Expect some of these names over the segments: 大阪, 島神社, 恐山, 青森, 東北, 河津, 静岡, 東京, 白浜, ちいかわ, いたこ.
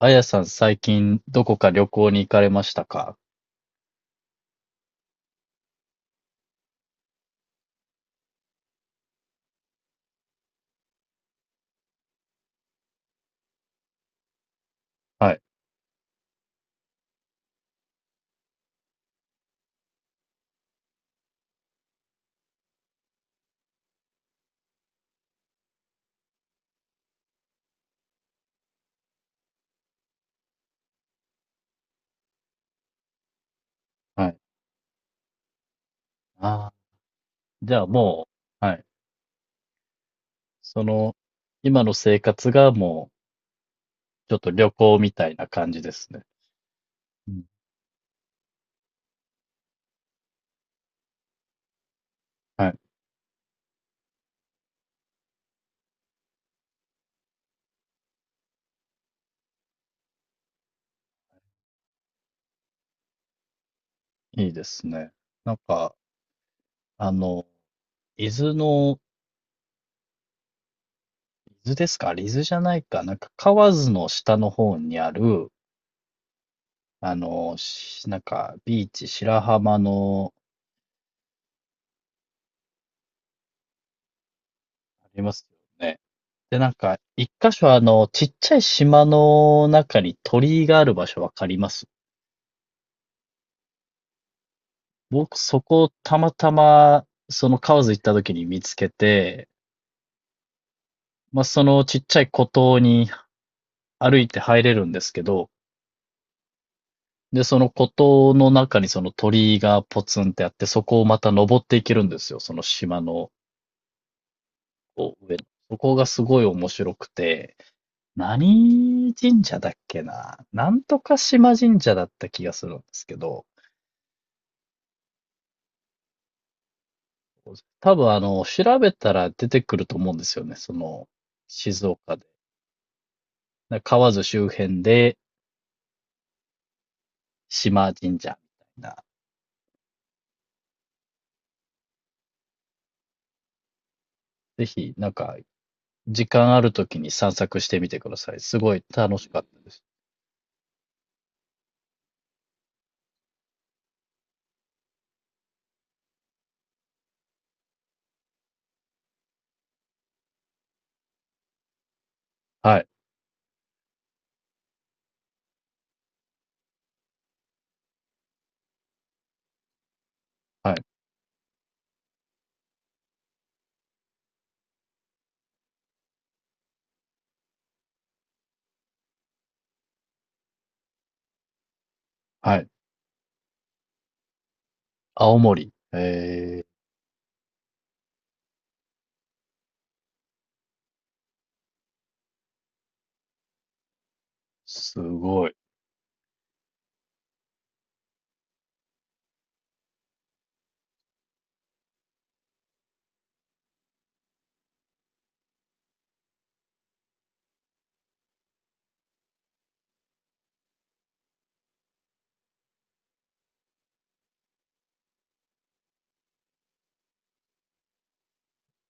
あやさん、最近、どこか旅行に行かれましたか？はい、はい。ああ、じゃあもう、はい。その、今の生活がもう、ちょっと旅行みたいな感じですね。うん。はい。いいですね。なんか、あの、伊豆の、伊豆ですか？伊豆じゃないか。なんか、河津の下の方にある、あの、なんか、ビーチ、白浜の、ありますよね。で、なんか、一箇所あの、ちっちゃい島の中に鳥居がある場所わかります？僕、そこをたまたま、その河津行った時に見つけて、まあ、そのちっちゃい孤島に歩いて入れるんですけど、で、その孤島の中にその鳥居がポツンってあって、そこをまた登っていけるんですよ、その島のこう上の。そこがすごい面白くて、何神社だっけな、なんとか島神社だった気がするんですけど、多分あの、調べたら出てくると思うんですよね。その、静岡で。河津周辺で、島神社みたいな。ぜひ、なんか、時間あるときに散策してみてください。すごい楽しかったです。はい、はい、はい。青森。えー、すごい。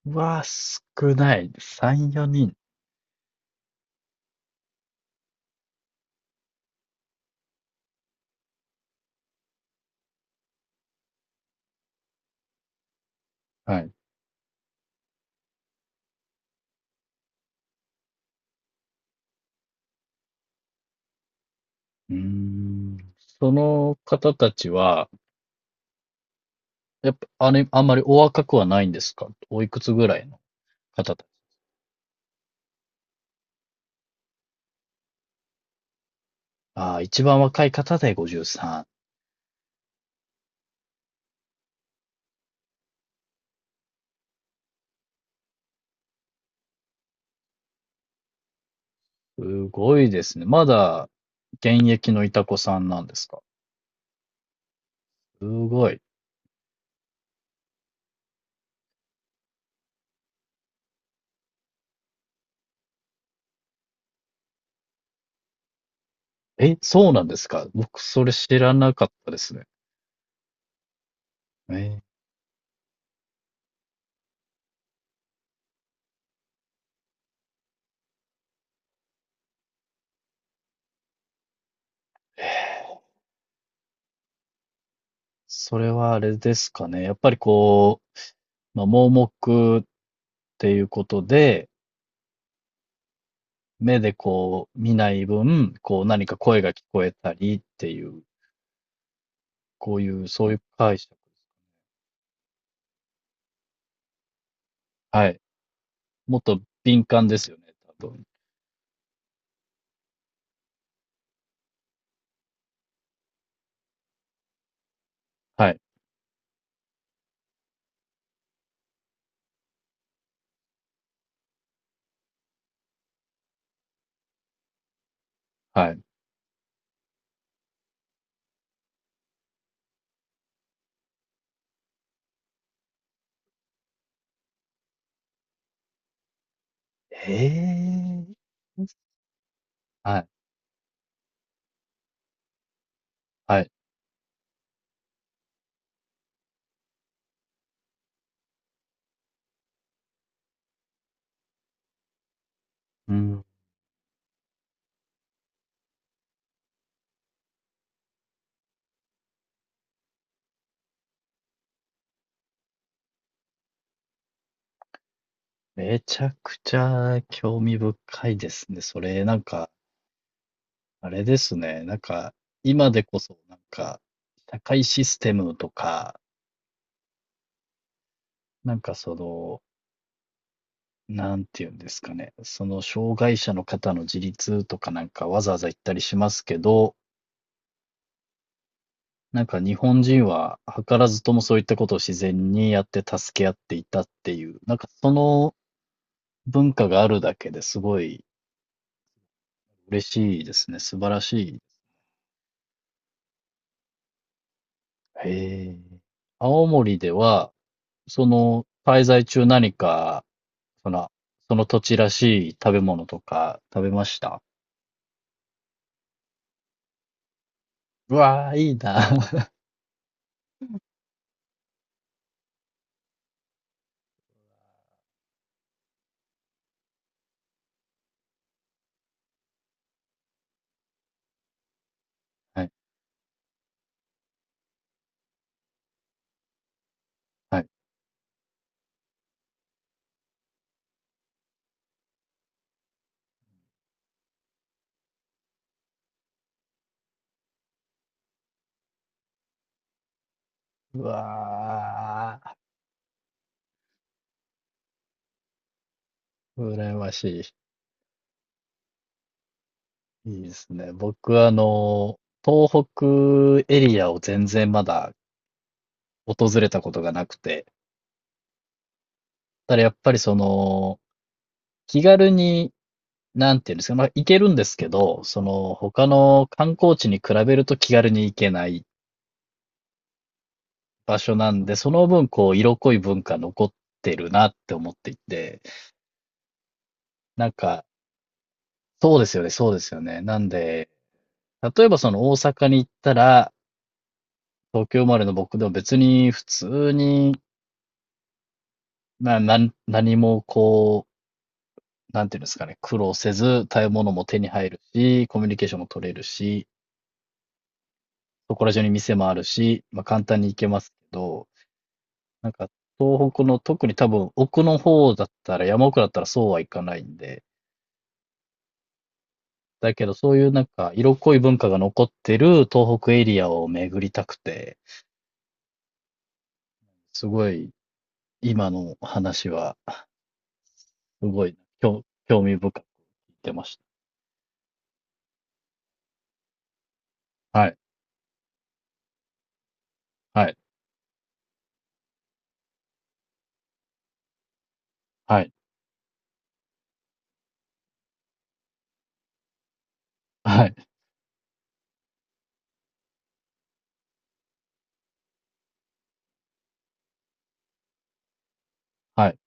うわー、少ない。3、4人。はい。うーん。その方たちは、やっぱ、あれ、あんまりお若くはないんですか？おいくつぐらいの方？ああ、一番若い方で53。すごいですね。まだ現役のいたこさんなんですか？すごい。え、そうなんですか？僕それ知らなかったですね。えー。それはあれですかね。やっぱりこう、まあ、盲目っていうことで、目でこう見ない分、こう何か声が聞こえたりっていう、こういう、そういう解釈。はい。もっと敏感ですよね、多分。はい、はい。へえ。はい、はい。うん、めちゃくちゃ興味深いですね。それ、なんか、あれですね。なんか、今でこそ、なんか、社会システムとか、なんかその、なんていうんですかね。その、障害者の方の自立とかなんかわざわざ言ったりしますけど、なんか日本人は図らずともそういったことを自然にやって助け合っていたっていう、なんかその文化があるだけですごい嬉しいですね。素晴らしい。へえ。青森では、その、滞在中何か、その、その土地らしい食べ物とか食べました？うわー、いいな。はい、はい。うわー、羨ましい。いいですね。僕、あの、東北エリアを全然まだ訪れたことがなくて、ただやっぱりその、気軽に、なんていうんですか、まあ、行けるんですけど、その、他の観光地に比べると気軽に行けない場所なんで、その分、こう、色濃い文化残ってるなって思っていて、なんか、そうですよね、そうですよね。なんで、例えばその大阪に行ったら、東京生まれの僕でも別に普通に、な、なん何もこう、なんていうんですかね、苦労せず、食べ物も手に入るし、コミュニケーションも取れるし、そこら中に店もあるし、まあ簡単に行けますけど、なんか東北の特に多分奥の方だったら、山奥だったらそうはいかないんで、だけど、そういうなんか、色濃い文化が残ってる東北エリアを巡りたくて、すごい、今の話は、すごい、興味深く聞てました。はい、はい、はい、はい、はい、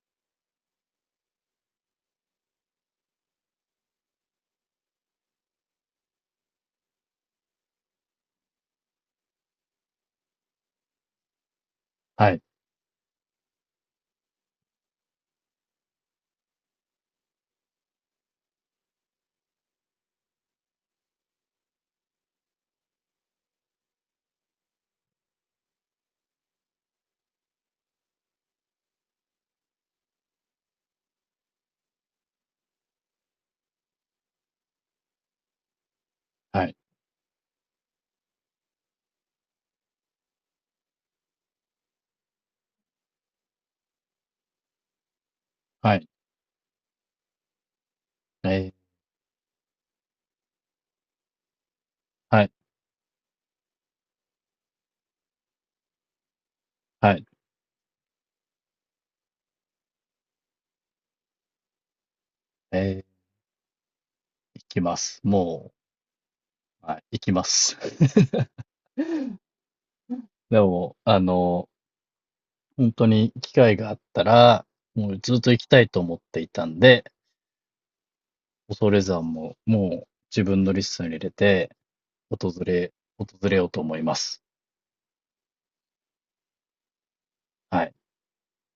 はい、はい、はい、えー、はい、はい、えー、行きます。もう、はい、行きます。でも、あの、本当に機会があったら、もうずっと行きたいと思っていたんで、恐山ももう自分のリストに入れて、訪れ、訪れようと思います。はい。